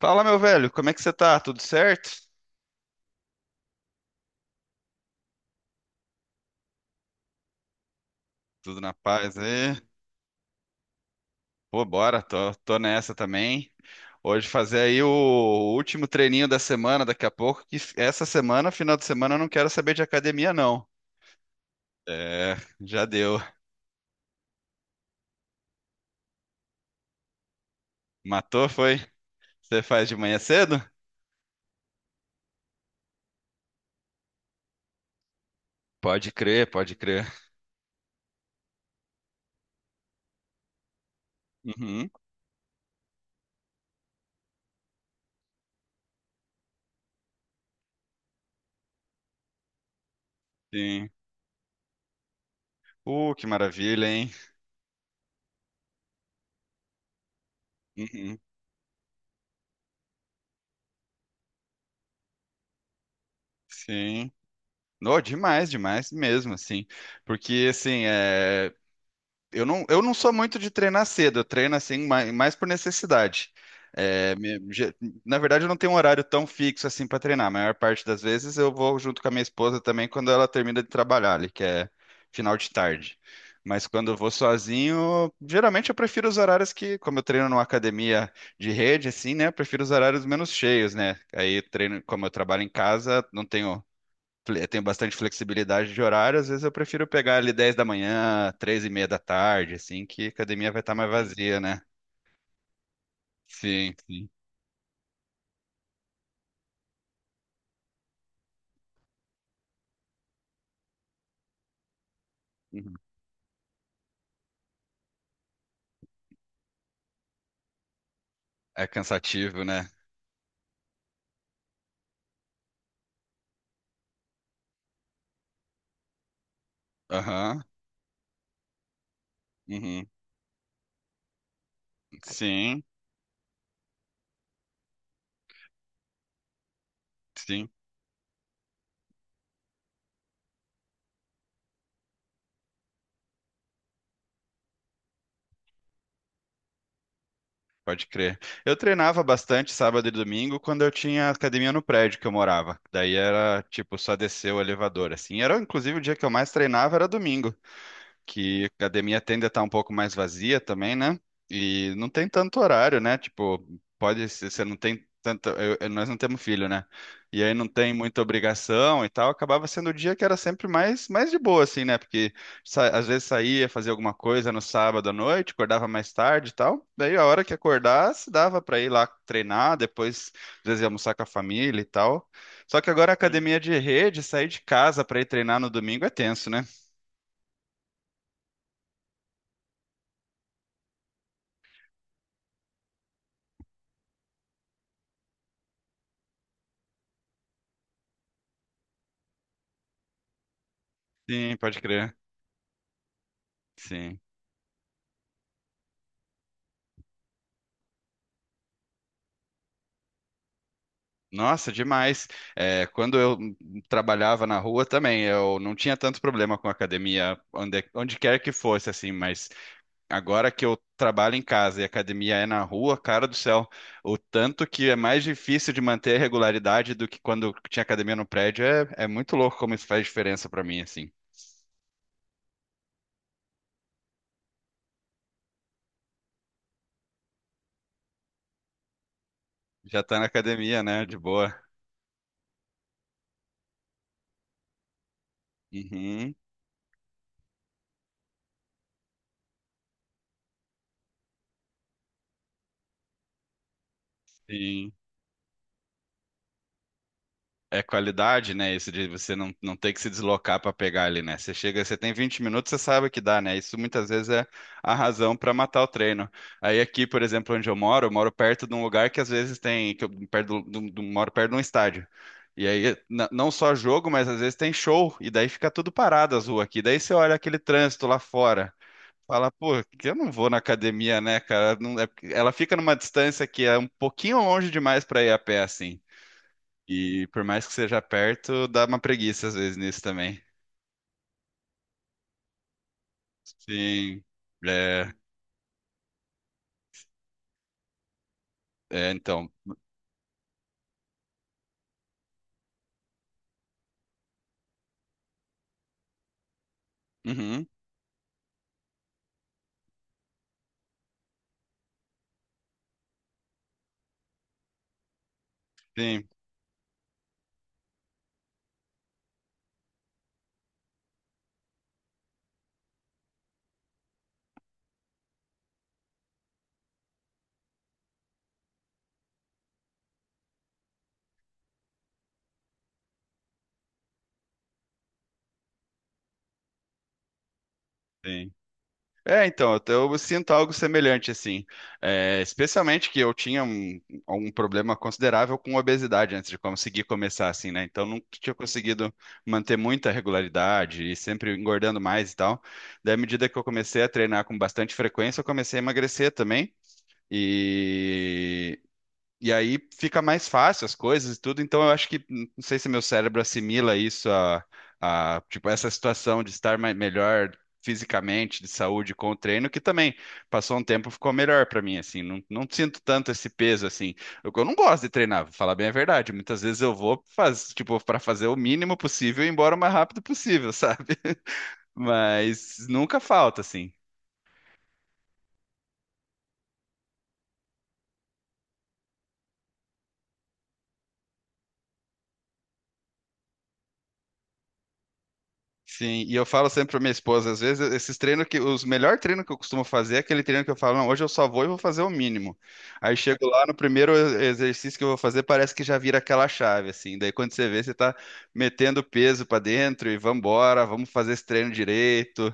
Fala, meu velho, como é que você tá? Tudo certo? Tudo na paz aí? Pô, bora, tô nessa também. Hoje fazer aí o último treininho da semana, daqui a pouco, que essa semana, final de semana, eu não quero saber de academia, não. É, já deu. Matou, foi? Você faz de manhã cedo? Pode crer, pode crer. Uhum, sim. Que maravilha, hein? Uhum, sim. No, demais, demais mesmo, assim. Porque, assim, é, eu não sou muito de treinar cedo, eu treino assim mais, por necessidade. É, na verdade, eu não tenho um horário tão fixo assim para treinar. A maior parte das vezes eu vou junto com a minha esposa também quando ela termina de trabalhar ali, que é final de tarde. Mas quando eu vou sozinho, geralmente eu prefiro os horários que, como eu treino numa academia de rede, assim, né? Eu prefiro os horários menos cheios, né? Aí treino, como eu trabalho em casa, não tenho tenho bastante flexibilidade de horário, às vezes eu prefiro pegar ali 10 da manhã, 3:30 da tarde, assim, que a academia vai estar mais vazia, né? Sim, sim. Uhum. É cansativo, né? Aham. Uhum. Sim, sim, pode crer. Eu treinava bastante sábado e domingo quando eu tinha academia no prédio que eu morava. Daí era, tipo, só descer o elevador, assim. Era, inclusive, o dia que eu mais treinava era domingo. Que a academia tende a estar um pouco mais vazia também, né? E não tem tanto horário, né? Tipo, pode ser, você não tem tanto. Nós não temos filho, né? E aí não tem muita obrigação e tal. Acabava sendo o dia que era sempre mais, de boa, assim, né? Porque às vezes saía, fazia alguma coisa no sábado à noite, acordava mais tarde e tal. Daí a hora que acordasse, dava pra ir lá treinar, depois, às vezes, ia almoçar com a família e tal. Só que agora a academia de rede, sair de casa pra ir treinar no domingo é tenso, né? Sim, pode crer. Sim. Nossa, demais. É, quando eu trabalhava na rua também, eu não tinha tanto problema com academia, onde quer que fosse, assim, mas agora que eu trabalho em casa e a academia é na rua, cara do céu, o tanto que é mais difícil de manter a regularidade do que quando tinha academia no prédio, é muito louco como isso faz diferença pra mim, assim. Já tá na academia, né? De boa. Uhum, sim. É qualidade, né? Isso de você não ter que se deslocar para pegar ali, né? Você chega, você tem 20 minutos, você sabe que dá, né? Isso muitas vezes é a razão para matar o treino. Aí aqui, por exemplo, onde eu moro perto de um lugar que às vezes tem, que eu perto moro perto de um estádio. E aí, não só jogo, mas às vezes tem show, e daí fica tudo parado as ruas aqui. Daí você olha aquele trânsito lá fora, fala, pô, que eu não vou na academia, né, cara? Ela fica numa distância que é um pouquinho longe demais para ir a pé, assim. E por mais que seja perto, dá uma preguiça às vezes nisso também. Sim. É, é então. Uhum, sim, sim. É, então, eu sinto algo semelhante, assim. É, especialmente que eu tinha um problema considerável com obesidade antes de conseguir começar, assim, né? Então, não tinha conseguido manter muita regularidade e sempre engordando mais e tal. Daí, à medida que eu comecei a treinar com bastante frequência, eu comecei a emagrecer também. E E aí fica mais fácil as coisas e tudo. Então eu acho que não sei se meu cérebro assimila isso a tipo essa situação de estar melhor fisicamente, de saúde com o treino, que também passou um tempo ficou melhor para mim assim. Não, não sinto tanto esse peso assim. Eu não gosto de treinar, vou falar bem a verdade. Muitas vezes eu vou faz, tipo para fazer o mínimo possível e ir embora o mais rápido possível, sabe? Mas nunca falta assim. Sim, e eu falo sempre pra minha esposa, às vezes, esses treinos que, os melhor treino que eu costumo fazer é aquele treino que eu falo, não, hoje eu só vou e vou fazer o mínimo. Aí chego lá, no primeiro exercício que eu vou fazer, parece que já vira aquela chave, assim. Daí quando você vê, você tá metendo peso pra dentro e vambora, vamos fazer esse treino direito.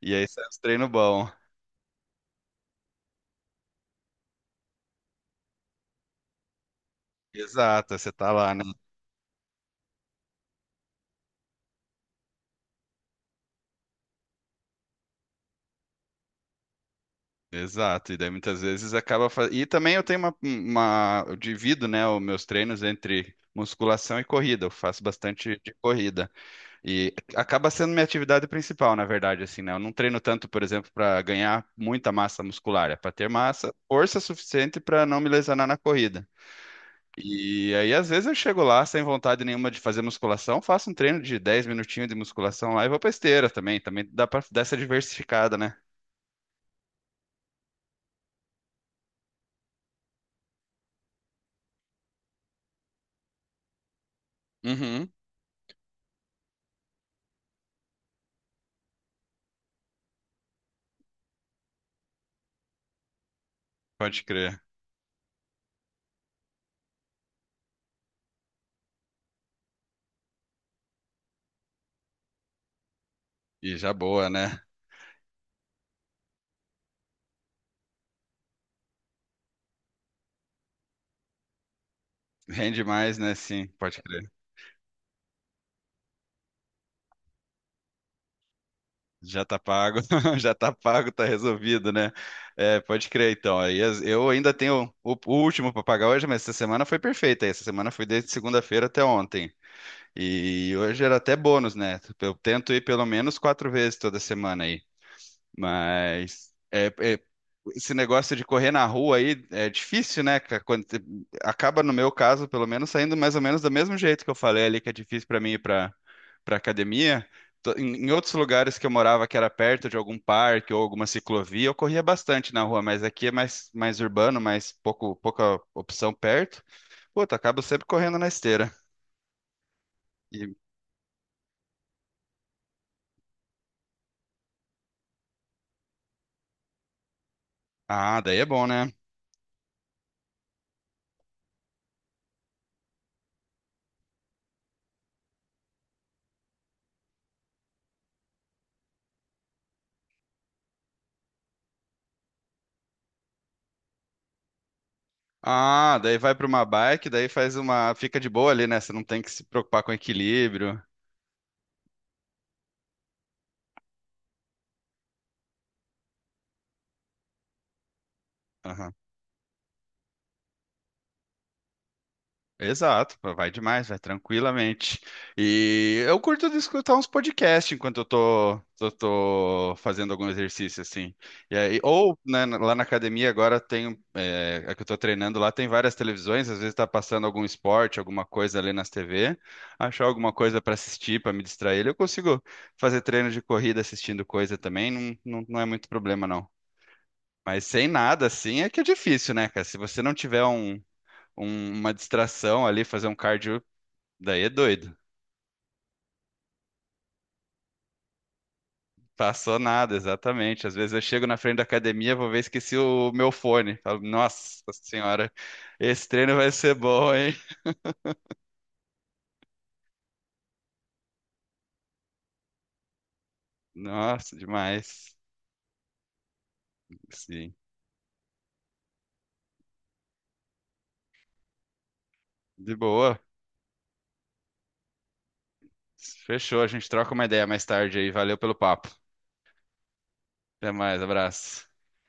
E aí sai os treinos bom. Exato, você tá lá, né? Exato, e daí muitas vezes acaba fazendo. E também eu tenho uma. Eu divido, né, os meus treinos entre musculação e corrida. Eu faço bastante de corrida. E acaba sendo minha atividade principal, na verdade, assim, né? Eu não treino tanto, por exemplo, para ganhar muita massa muscular, é para ter massa, força suficiente para não me lesionar na corrida. E aí, às vezes, eu chego lá sem vontade nenhuma de fazer musculação, faço um treino de 10 minutinhos de musculação lá e vou pra esteira também. Também dá pra dar essa diversificada, né? Uhum, pode crer. E já boa, né? Rende mais, né? Sim, pode crer. Já tá pago, já tá pago, tá resolvido, né? É, pode crer, então. Aí eu ainda tenho o último para pagar hoje, mas essa semana foi perfeita. Essa semana foi desde segunda-feira até ontem. E hoje era até bônus, né? Eu tento ir pelo menos quatro vezes toda semana, mas esse negócio de correr na rua aí é difícil, né? Quando, acaba, no meu caso, pelo menos, saindo mais ou menos do mesmo jeito que eu falei ali, que é difícil para mim ir para academia. Em outros lugares que eu morava, que era perto de algum parque ou alguma ciclovia, eu corria bastante na rua, mas aqui é mais, urbano, mais pouco, pouca opção perto. Puta, acabo sempre correndo na esteira. E- ah, daí é bom, né? Ah, daí vai para uma bike, daí faz uma. Fica de boa ali, né? Você não tem que se preocupar com equilíbrio. Exato, pô, vai demais, vai tranquilamente. E eu curto de escutar uns podcasts enquanto eu tô fazendo algum exercício, assim. E aí, ou né, lá na academia agora tem, é, a que eu tô treinando lá tem várias televisões, às vezes tá passando algum esporte, alguma coisa ali nas TV, achar alguma coisa pra assistir, pra me distrair, eu consigo fazer treino de corrida assistindo coisa também, não, não, não é muito problema não. Mas sem nada assim é que é difícil, né, cara? Se você não tiver uma distração ali, fazer um cardio, daí é doido. Passou nada, exatamente. Às vezes eu chego na frente da academia, vou ver, esqueci o meu fone. Falo, nossa senhora, esse treino vai ser bom, hein? Nossa, demais. Sim. De boa. Fechou, a gente troca uma ideia mais tarde aí. Valeu pelo papo. Até mais, abraço.